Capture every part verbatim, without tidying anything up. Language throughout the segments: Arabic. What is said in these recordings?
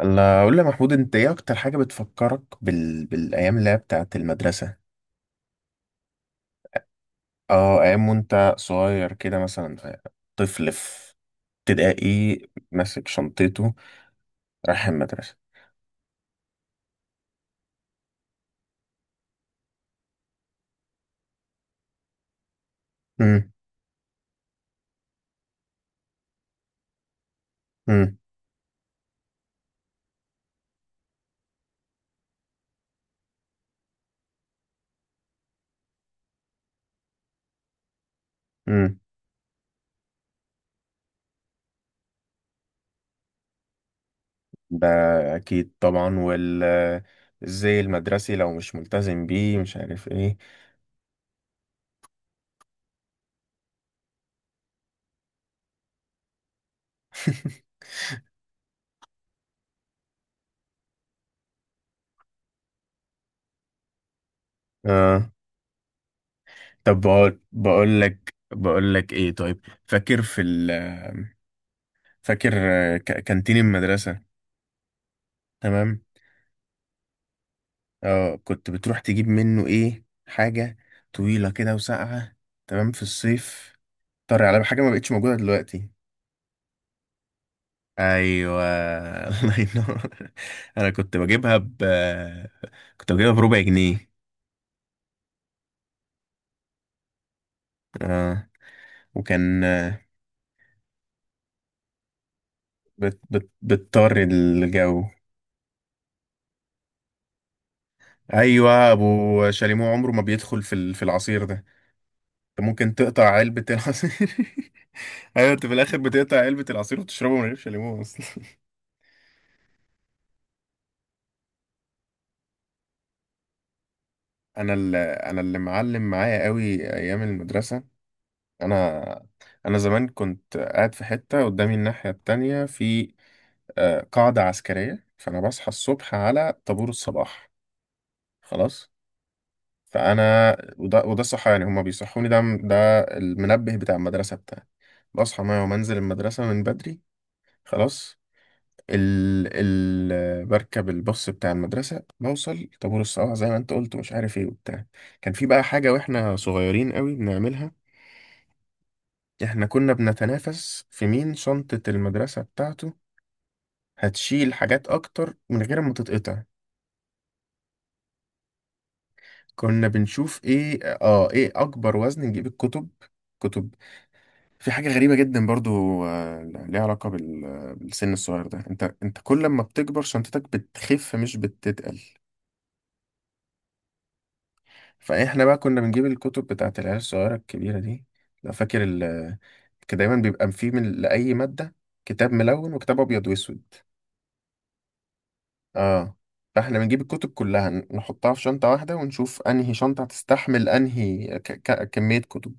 انا اقول لي يا محمود، انت ايه اكتر حاجه بتفكرك بال... بالايام اللي هي بتاعت المدرسه؟ اه، ايام وانت صغير كده مثلا، طفل في ابتدائي، ماسك شنطته، رايح المدرسه. امم امم امم ده اكيد طبعا. وال الزي المدرسي لو مش ملتزم بيه مش عارف ايه. اه. طب بقول بقول لك بقول لك ايه، طيب فاكر في ال... فاكر ك- كانتين المدرسه؟ تمام، اه، كنت بتروح تجيب منه ايه، حاجة طويلة كده وساقعة، تمام، في الصيف، طري على حاجة ما بقتش موجودة دلوقتي. ايوه، الله ينور. انا كنت بجيبها ب كنت بجيبها بربع جنيه. اه، وكان آه، بت... بت... بتطر الجو. ايوه، ابو شاليمو عمره ما بيدخل في ال- في العصير ده. انت ممكن تقطع علبة العصير. ايوه، انت في الاخر بتقطع علبة العصير وتشربه من غير شاليمو اصلا. انا اللي انا اللي معلم معايا قوي ايام المدرسه. انا انا زمان كنت قاعد في حته، قدامي الناحيه التانية في آه، قاعده عسكريه، فانا بصحى الصبح على طابور الصباح، خلاص. فانا وده وده الصحيان يعني، هما بيصحوني، ده ده المنبه بتاع المدرسه بتاعي، بصحى معايا ومنزل المدرسه من بدري، خلاص. ال ال بركب الباص بتاع المدرسة، بوصل طابور الصباح زي ما انت قلت، مش عارف ايه وبتاع. كان في بقى حاجة واحنا صغيرين قوي بنعملها، احنا كنا بنتنافس في مين شنطة المدرسة بتاعته هتشيل حاجات اكتر من غير ما تتقطع. كنا بنشوف ايه اه ايه اكبر وزن نجيب الكتب. كتب. في حاجة غريبة جدا برضو، آه، ليها علاقة بال- بالسن الصغير ده، انت انت كل ما بتكبر شنطتك بتخف مش بتتقل. فاحنا بقى كنا بنجيب الكتب بتاعت العيال الصغيره الكبيره دي. لو فاكر ال كان دايما بيبقى فيه من لاي ماده كتاب ملون وكتاب ابيض واسود. اه، فاحنا بنجيب الكتب كلها نحطها في شنطه واحده، ونشوف انهي شنطه هتستحمل انهي ك... ك... كميه كتب.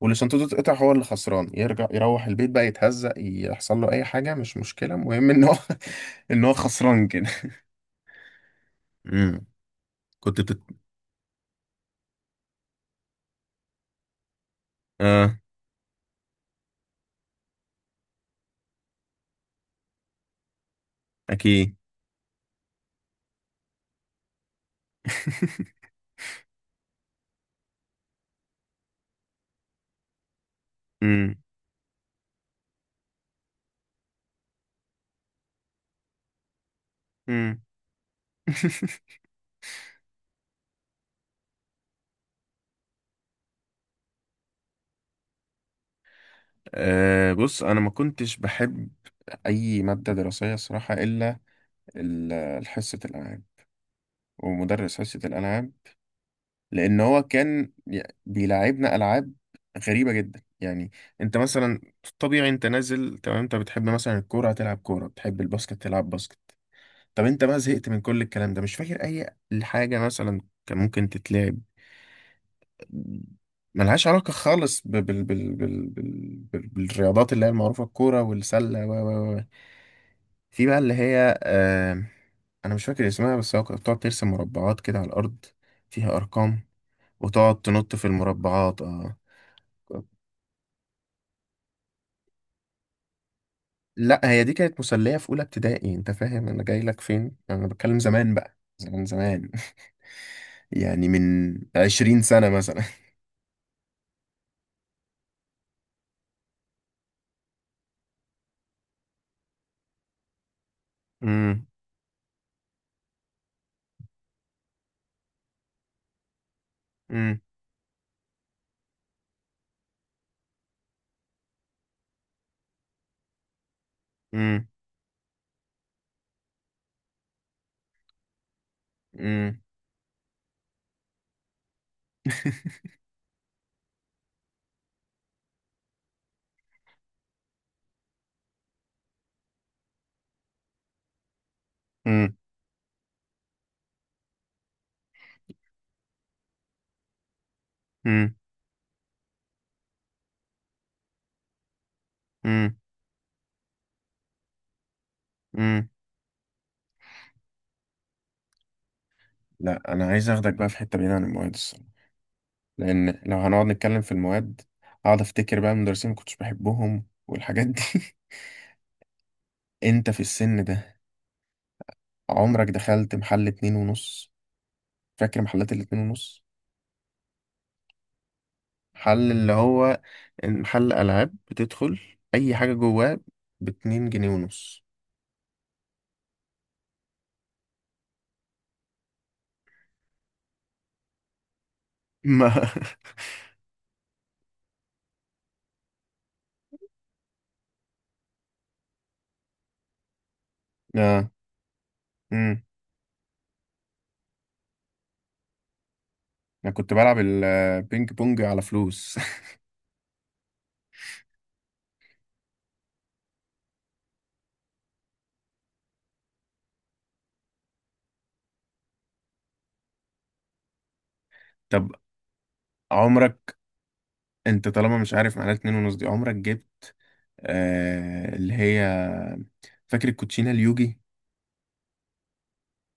واللي شنطته تتقطع هو اللي خسران، يرجع يروح البيت بقى يتهزق، يحصل له اي حاجه مش مشكله، المهم ان هو ان هو خسران كده. امم. كنت بتت... اه. اكيد. امم. امم. أه بص، انا ما كنتش بحب اي ماده دراسيه الصراحه، الا ال- حصه الالعاب ومدرس حصه الالعاب. لان هو كان ي- بيلعبنا العاب غريبه جدا يعني. انت مثلا، طبيعي انت نازل تمام، انت بتحب مثلا الكوره هتلعب كوره، بتحب الباسكت تلعب باسكت. طب انت بقى زهقت من كل الكلام ده، مش فاكر اي حاجه مثلا كان ممكن تتلعب، ملهاش علاقة خالص ب- بال بال بال بال بال- بالرياضات اللي هي المعروفة، الكورة والسلة و و و في بقى اللي هي آه، انا مش فاكر اسمها، بس هو كانت بتقعد ترسم مربعات كده على الارض فيها ارقام. وتقعد تنط في المربعات، اه. لا، هي دي كانت مسلية في اولى ابتدائي، انت فاهم انا جاي لك فين، انا بتكلم زمان بقى، زمان زمان. يعني من عشرين سنة مثلا. امم امم امم امم امم امم امم امم لا، انا عايز اخدك بقى في حتة بعيدة عن المواد الصراحة، لان لو هنقعد نتكلم في المواد اقعد افتكر بقى المدرسين ما كنتش بحبهم والحاجات دي. انت في السن ده عمرك دخلت محل اتنين ونص؟ فاكر محلات الاتنين ونص؟ محل اللي هو محل العاب بتدخل اي حاجه جواه باتنين جنيه ونص. ما اه. امم. انا كنت بلعب البينج بونج على فلوس. طب عمرك، انت طالما مش عارف معناها اتنين ونص دي، عمرك جبت آه اللي هي، فاكر الكوتشينه اليوجي؟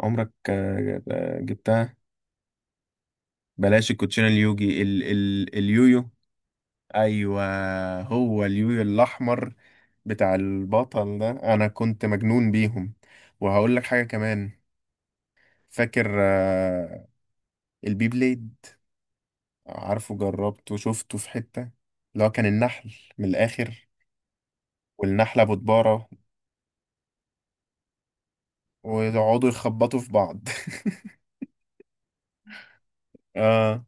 عمرك آه آه، جبتها؟ بلاش الكوتشينه اليوجي، ال ال اليويو. ايوه. هو اليويو الاحمر بتاع البطل ده، انا كنت مجنون بيهم. وهقول لك حاجه كمان، فاكر آه، البي بليد؟ عارفه، جربته، شفته في حته، اللي هو كان النحل من الاخر. والنحله بتبارة، ويقعدوا يخبطوا في بعض. اه.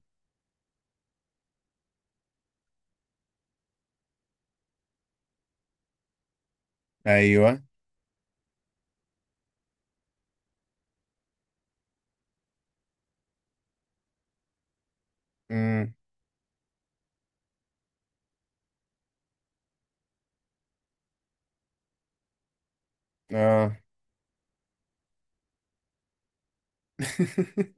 ايوه. امم. اه.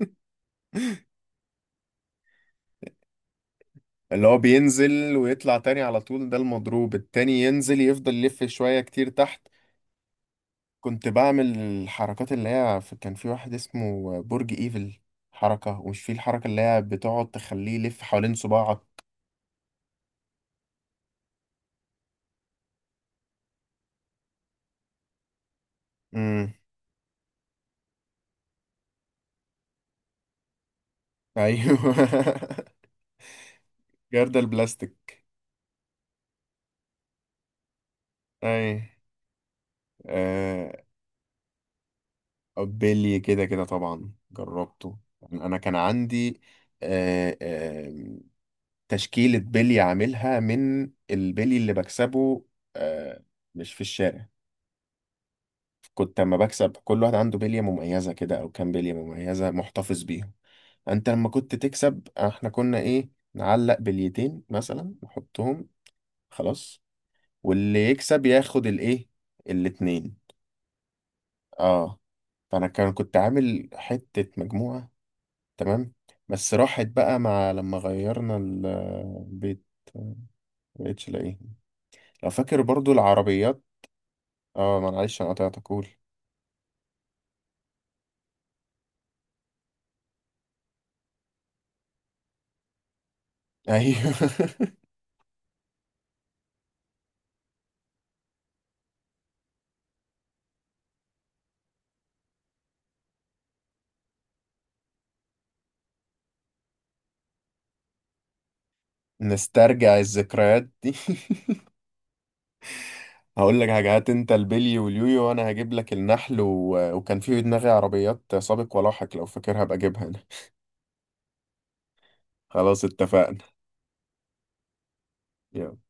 اللي هو بينزل ويطلع تاني على طول ده المضروب، التاني ينزل يفضل يلف شويه كتير تحت. كنت بعمل الحركات اللي هي في- كان في واحد اسمه برج ايفل، حركة، ومش في الحركة اللي هي بتقعد تخليه يلف حوالين صباعك. امم. ايوه. جردل البلاستيك. اي. آه، بيلي كده كده طبعا جربته يعني، انا كان عندي آه آه تشكيلة بيلي عاملها من البيلي اللي بكسبه. آه، مش في الشارع، كنت اما بكسب كل واحد عنده بلية مميزة كده، او كام بلية مميزة محتفظ بيهم. انت لما كنت تكسب احنا كنا ايه، نعلق بليتين مثلا نحطهم، خلاص، واللي يكسب ياخد الايه، الاتنين. اه. فانا كان كنت عامل حتة مجموعة، تمام، بس راحت بقى مع لما غيرنا ال- البيت، مبقتش الاقيه. لو فاكر برضو العربيات. اه معلش انا قطعتك، قول. ايوه. نسترجع الذكريات دي. هقول لك حاجة، هات انت البلي واليويو وانا هجيب لك النحل و... وكان في في دماغي عربيات سابق ولاحق، لو فاكرها بجيبها انا. خلاص، اتفقنا. يلا.